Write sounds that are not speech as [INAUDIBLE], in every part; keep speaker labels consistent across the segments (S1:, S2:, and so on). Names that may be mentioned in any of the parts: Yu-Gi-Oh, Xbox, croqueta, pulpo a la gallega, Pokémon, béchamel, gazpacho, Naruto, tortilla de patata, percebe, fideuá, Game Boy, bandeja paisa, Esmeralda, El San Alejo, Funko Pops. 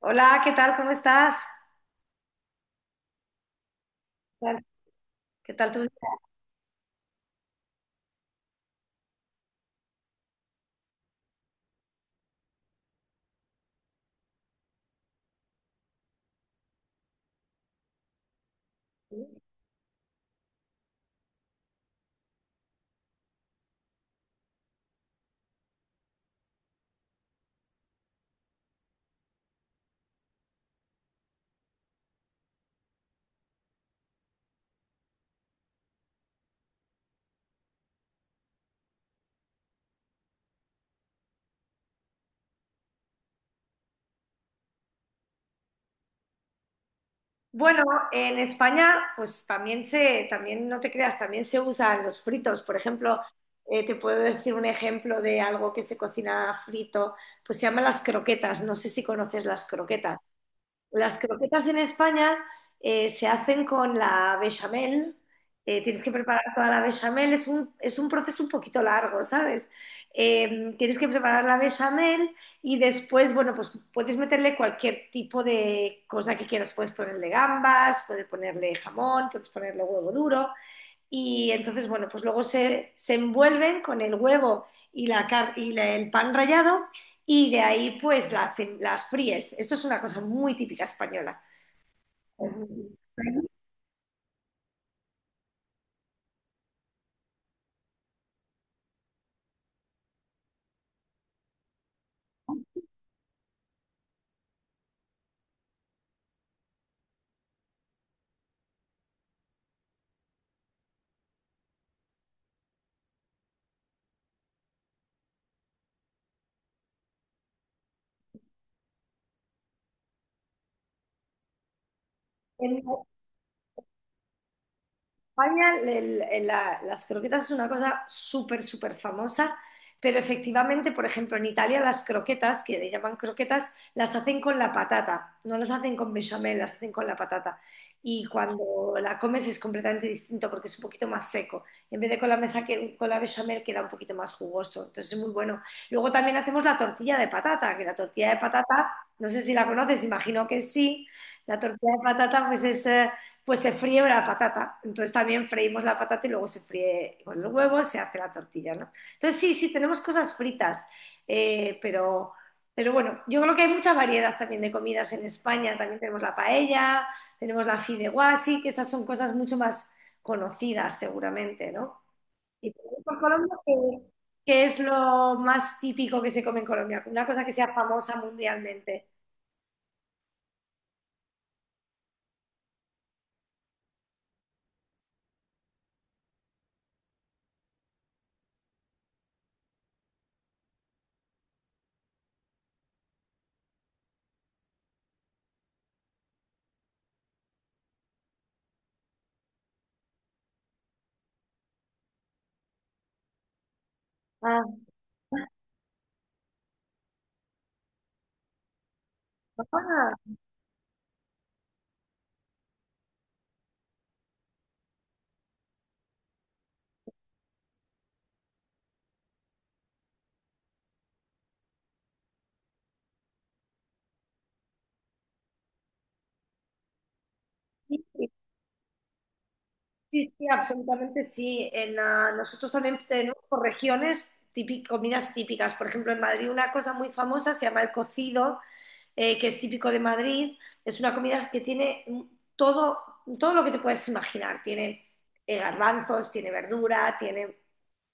S1: Hola, ¿qué tal? ¿Cómo estás? ¿Qué tal? ¿Qué tal Bueno, en España, pues también no te creas, también se usan los fritos. Por ejemplo, te puedo decir un ejemplo de algo que se cocina frito, pues se llama las croquetas. No sé si conoces las croquetas. Las croquetas en España se hacen con la bechamel. Eh, tienes que preparar toda la bechamel. Es un proceso un poquito largo, ¿sabes? Tienes que preparar la bechamel y después, bueno, pues puedes meterle cualquier tipo de cosa que quieras. Puedes ponerle gambas, puedes ponerle jamón, puedes ponerle huevo duro y entonces, bueno, pues se envuelven con el huevo y el pan rallado y de ahí pues las fríes. Esto es una cosa muy típica española. En- España las croquetas es una cosa súper, súper famosa, pero efectivamente, por ejemplo, en Italia las croquetas, que le llaman croquetas, las hacen con la patata, no las hacen con bechamel, las hacen con la patata. Y cuando la comes es completamente distinto porque es un poquito más seco. En vez de con la mesa que, con la bechamel queda un poquito más jugoso, entonces es muy bueno. Luego también hacemos la tortilla de patata, que la tortilla de patata, no sé si la conoces, imagino que sí. La tortilla de patata pues pues se fríe la patata. Entonces también freímos la patata y luego se fríe con los huevos, se hace la tortilla, ¿no? Entonces sí, sí, tenemos cosas fritas, eh, pero, pero bueno, yo creo que hay mucha variedad también de comidas en España. También tenemos la paella, tenemos la fideuá, sí, que estas son cosas mucho más conocidas seguramente, ¿no? Y por Colombia, ¿qué es lo más típico que se come en Colombia? Una cosa que sea famosa mundialmente. Ah, [LAUGHS] ah, sí. Sí, sí, absolutamente sí. Nosotros también tenemos por regiones comidas típicas. Por ejemplo, en Madrid una cosa muy famosa se llama el cocido, que es típico de Madrid. Es una comida que tiene todo, todo lo que te puedes imaginar. Tiene garbanzos, tiene verdura, tiene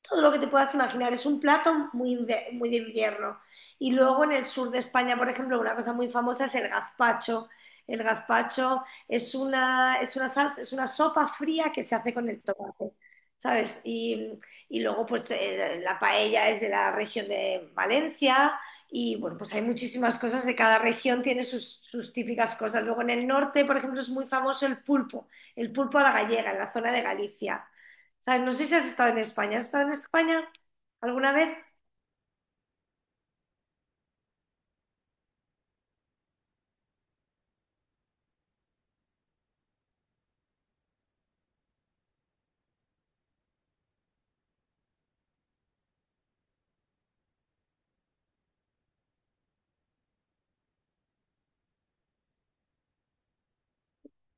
S1: todo lo que te puedas imaginar. Es un plato muy, muy de invierno. Y luego en el sur de España, por ejemplo, una cosa muy famosa es el gazpacho. El gazpacho es una salsa, es una sopa fría que se hace con el tomate, ¿sabes? Y luego, pues, la paella es de la región de Valencia. Y bueno, pues hay muchísimas cosas de cada región, sus típicas cosas. Luego en el norte, por ejemplo, es muy famoso el pulpo a la gallega, en la zona de Galicia. ¿Sabes? No sé si has estado en España. ¿Has estado en España alguna vez?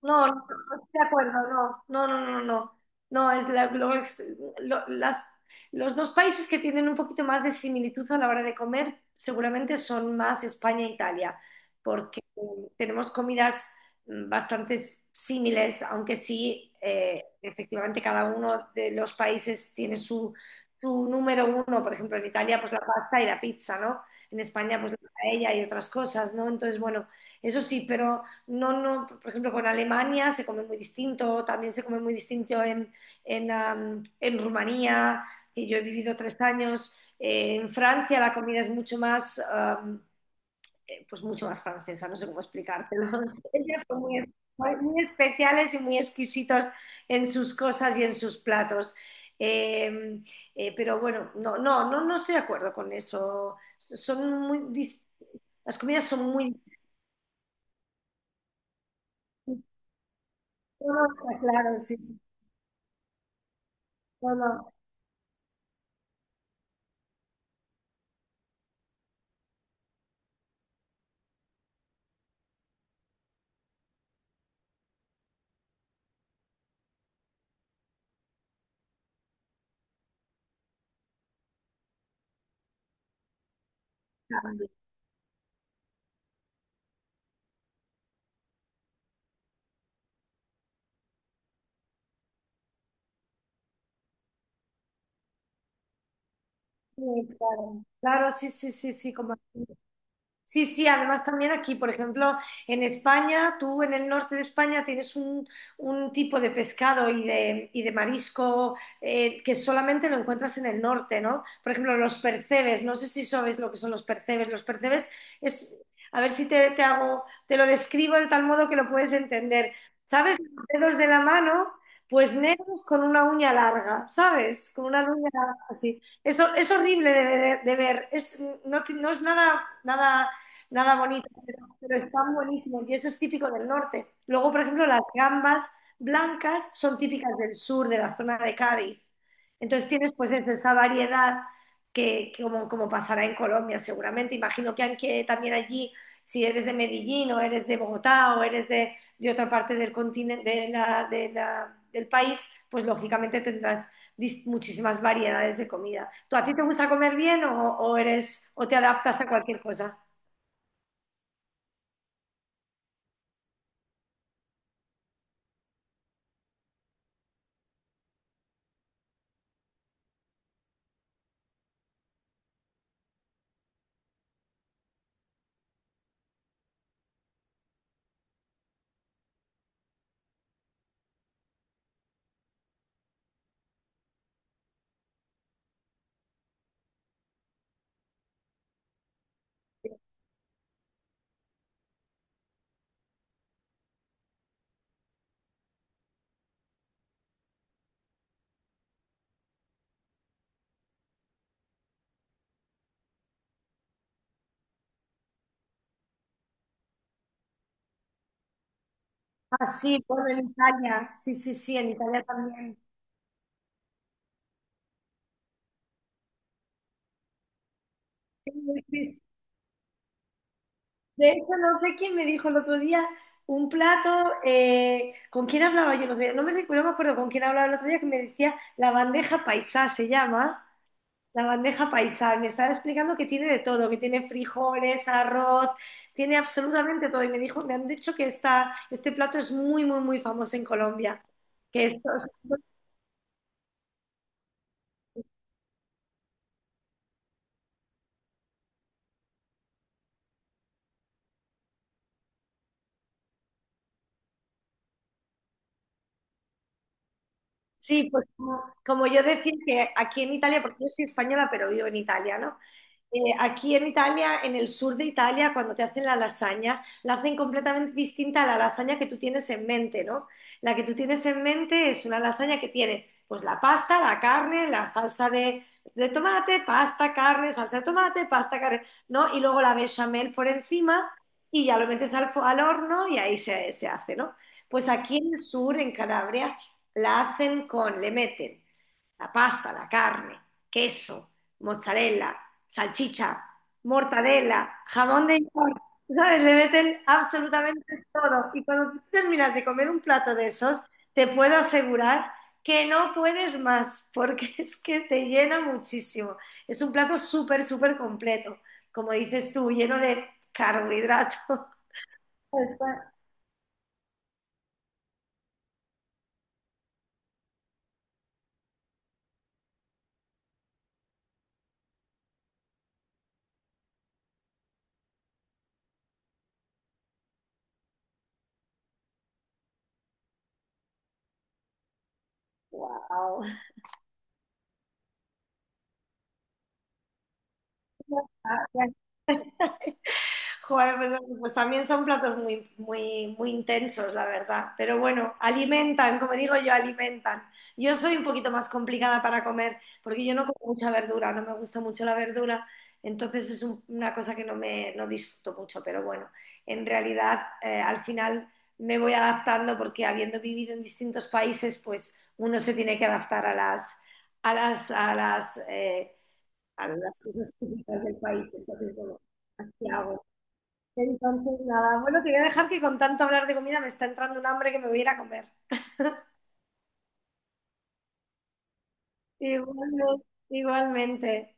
S1: No, no, no estoy de acuerdo, no, no, no, no, no. No, es la- lo- es- lo- las, los dos países que tienen un poquito más de similitud a la hora de comer seguramente son más España e Italia, porque tenemos comidas bastante similares, aunque sí, efectivamente cada uno de los países tiene su, su número uno. Por ejemplo, en Italia pues la pasta y la pizza, ¿no? En España pues la paella y otras cosas, ¿no? Entonces, bueno, eso sí, pero... No, no, por ejemplo, con Alemania se come muy distinto, también se come muy distinto en Rumanía, que yo he vivido 3 años. En Francia la comida es mucho más, pues mucho más francesa, no sé cómo explicártelo. [LAUGHS] Ellos son muy, muy especiales y muy exquisitos en sus cosas y en sus platos. Eh, pero bueno, no, no, no, no estoy de acuerdo con eso. Las comidas son muy distintas. No, no, está claro, sí, sí. No, no. Claro, claro, sí, sí, sí, sí, como... Sí, sí, además también aquí, por ejemplo, en España, tú en el norte de España tienes un tipo de pescado y de marisco que solamente lo encuentras en el norte, ¿no? Por ejemplo, los percebes, no sé si sabes lo que son los percebes. Los percebes es, a ver si te hago, te lo describo de tal modo que lo puedes entender. ¿Sabes? Los dedos de la mano, pues negros con una uña larga, ¿sabes? Con una uña larga así. Eso es horrible de ver, de ver. Es, no, ti- no es nada, nada nada bonito, pero están buenísimos y eso es típico del norte. Luego, por ejemplo, las gambas blancas son típicas del sur, de la zona de Cádiz. Entonces tienes pues eso, esa variedad que como, como pasará en Colombia seguramente. Imagino que aunque también allí, si eres de Medellín o eres de Bogotá o eres de otra parte del continente, del país, pues lógicamente tendrás muchísimas variedades de comida. ¿Tú a ti te gusta comer bien o eres o te adaptas a cualquier cosa? Ah, sí, bueno, en Italia. Sí, sí, sí, en Italia también. Sí, sí. De hecho, no sé quién me dijo el otro día un plato. ¿Con quién hablaba yo el otro día? No me recuerdo, no me acuerdo con quién hablaba el otro día que me decía la bandeja paisá, se llama. La bandeja paisá. Y me estaba explicando que tiene de todo, que tiene frijoles, arroz, tiene absolutamente todo. Y me dijo, me han dicho que esta, este plato es muy, muy, muy famoso en Colombia. Que esto, sí, pues como, como yo decía que aquí en Italia, porque yo soy española, pero vivo en Italia, ¿no? Aquí en Italia, en el sur de Italia, cuando te hacen la lasaña, la hacen completamente distinta a la lasaña que tú tienes en mente, ¿no? La que tú tienes en mente es una lasaña que tiene pues la pasta, la carne, la salsa de tomate, pasta, carne, salsa de tomate, pasta, carne, ¿no? Y luego la bechamel por encima y ya lo metes al horno y ahí se hace, ¿no? Pues aquí en el sur, en Calabria, la hacen con, le meten la pasta, la carne, queso, mozzarella, salchicha, mortadela, jamón de york, ¿sabes? Le meten absolutamente todo. Y cuando tú terminas de comer un plato de esos, te puedo asegurar que no puedes más, porque [LAUGHS] es que te llena muchísimo. Es un plato súper, súper completo, como dices tú, lleno de carbohidratos. [LAUGHS] Wow. Joder, pues, pues también son platos muy, muy, muy intensos, la verdad. Pero bueno, alimentan, como digo yo, alimentan. Yo soy un poquito más complicada para comer, porque yo no como mucha verdura, no me gusta mucho la verdura, entonces es una cosa que no me no disfruto mucho, pero bueno, en realidad al final me voy adaptando porque habiendo vivido en distintos países, pues uno se tiene que adaptar a las a las eh, a las cosas típicas del país. Entonces, bueno, ¿qué hago? Entonces, nada, bueno, te voy a dejar que con tanto hablar de comida me está entrando un hambre que me voy a ir a comer. Igualmente, igualmente.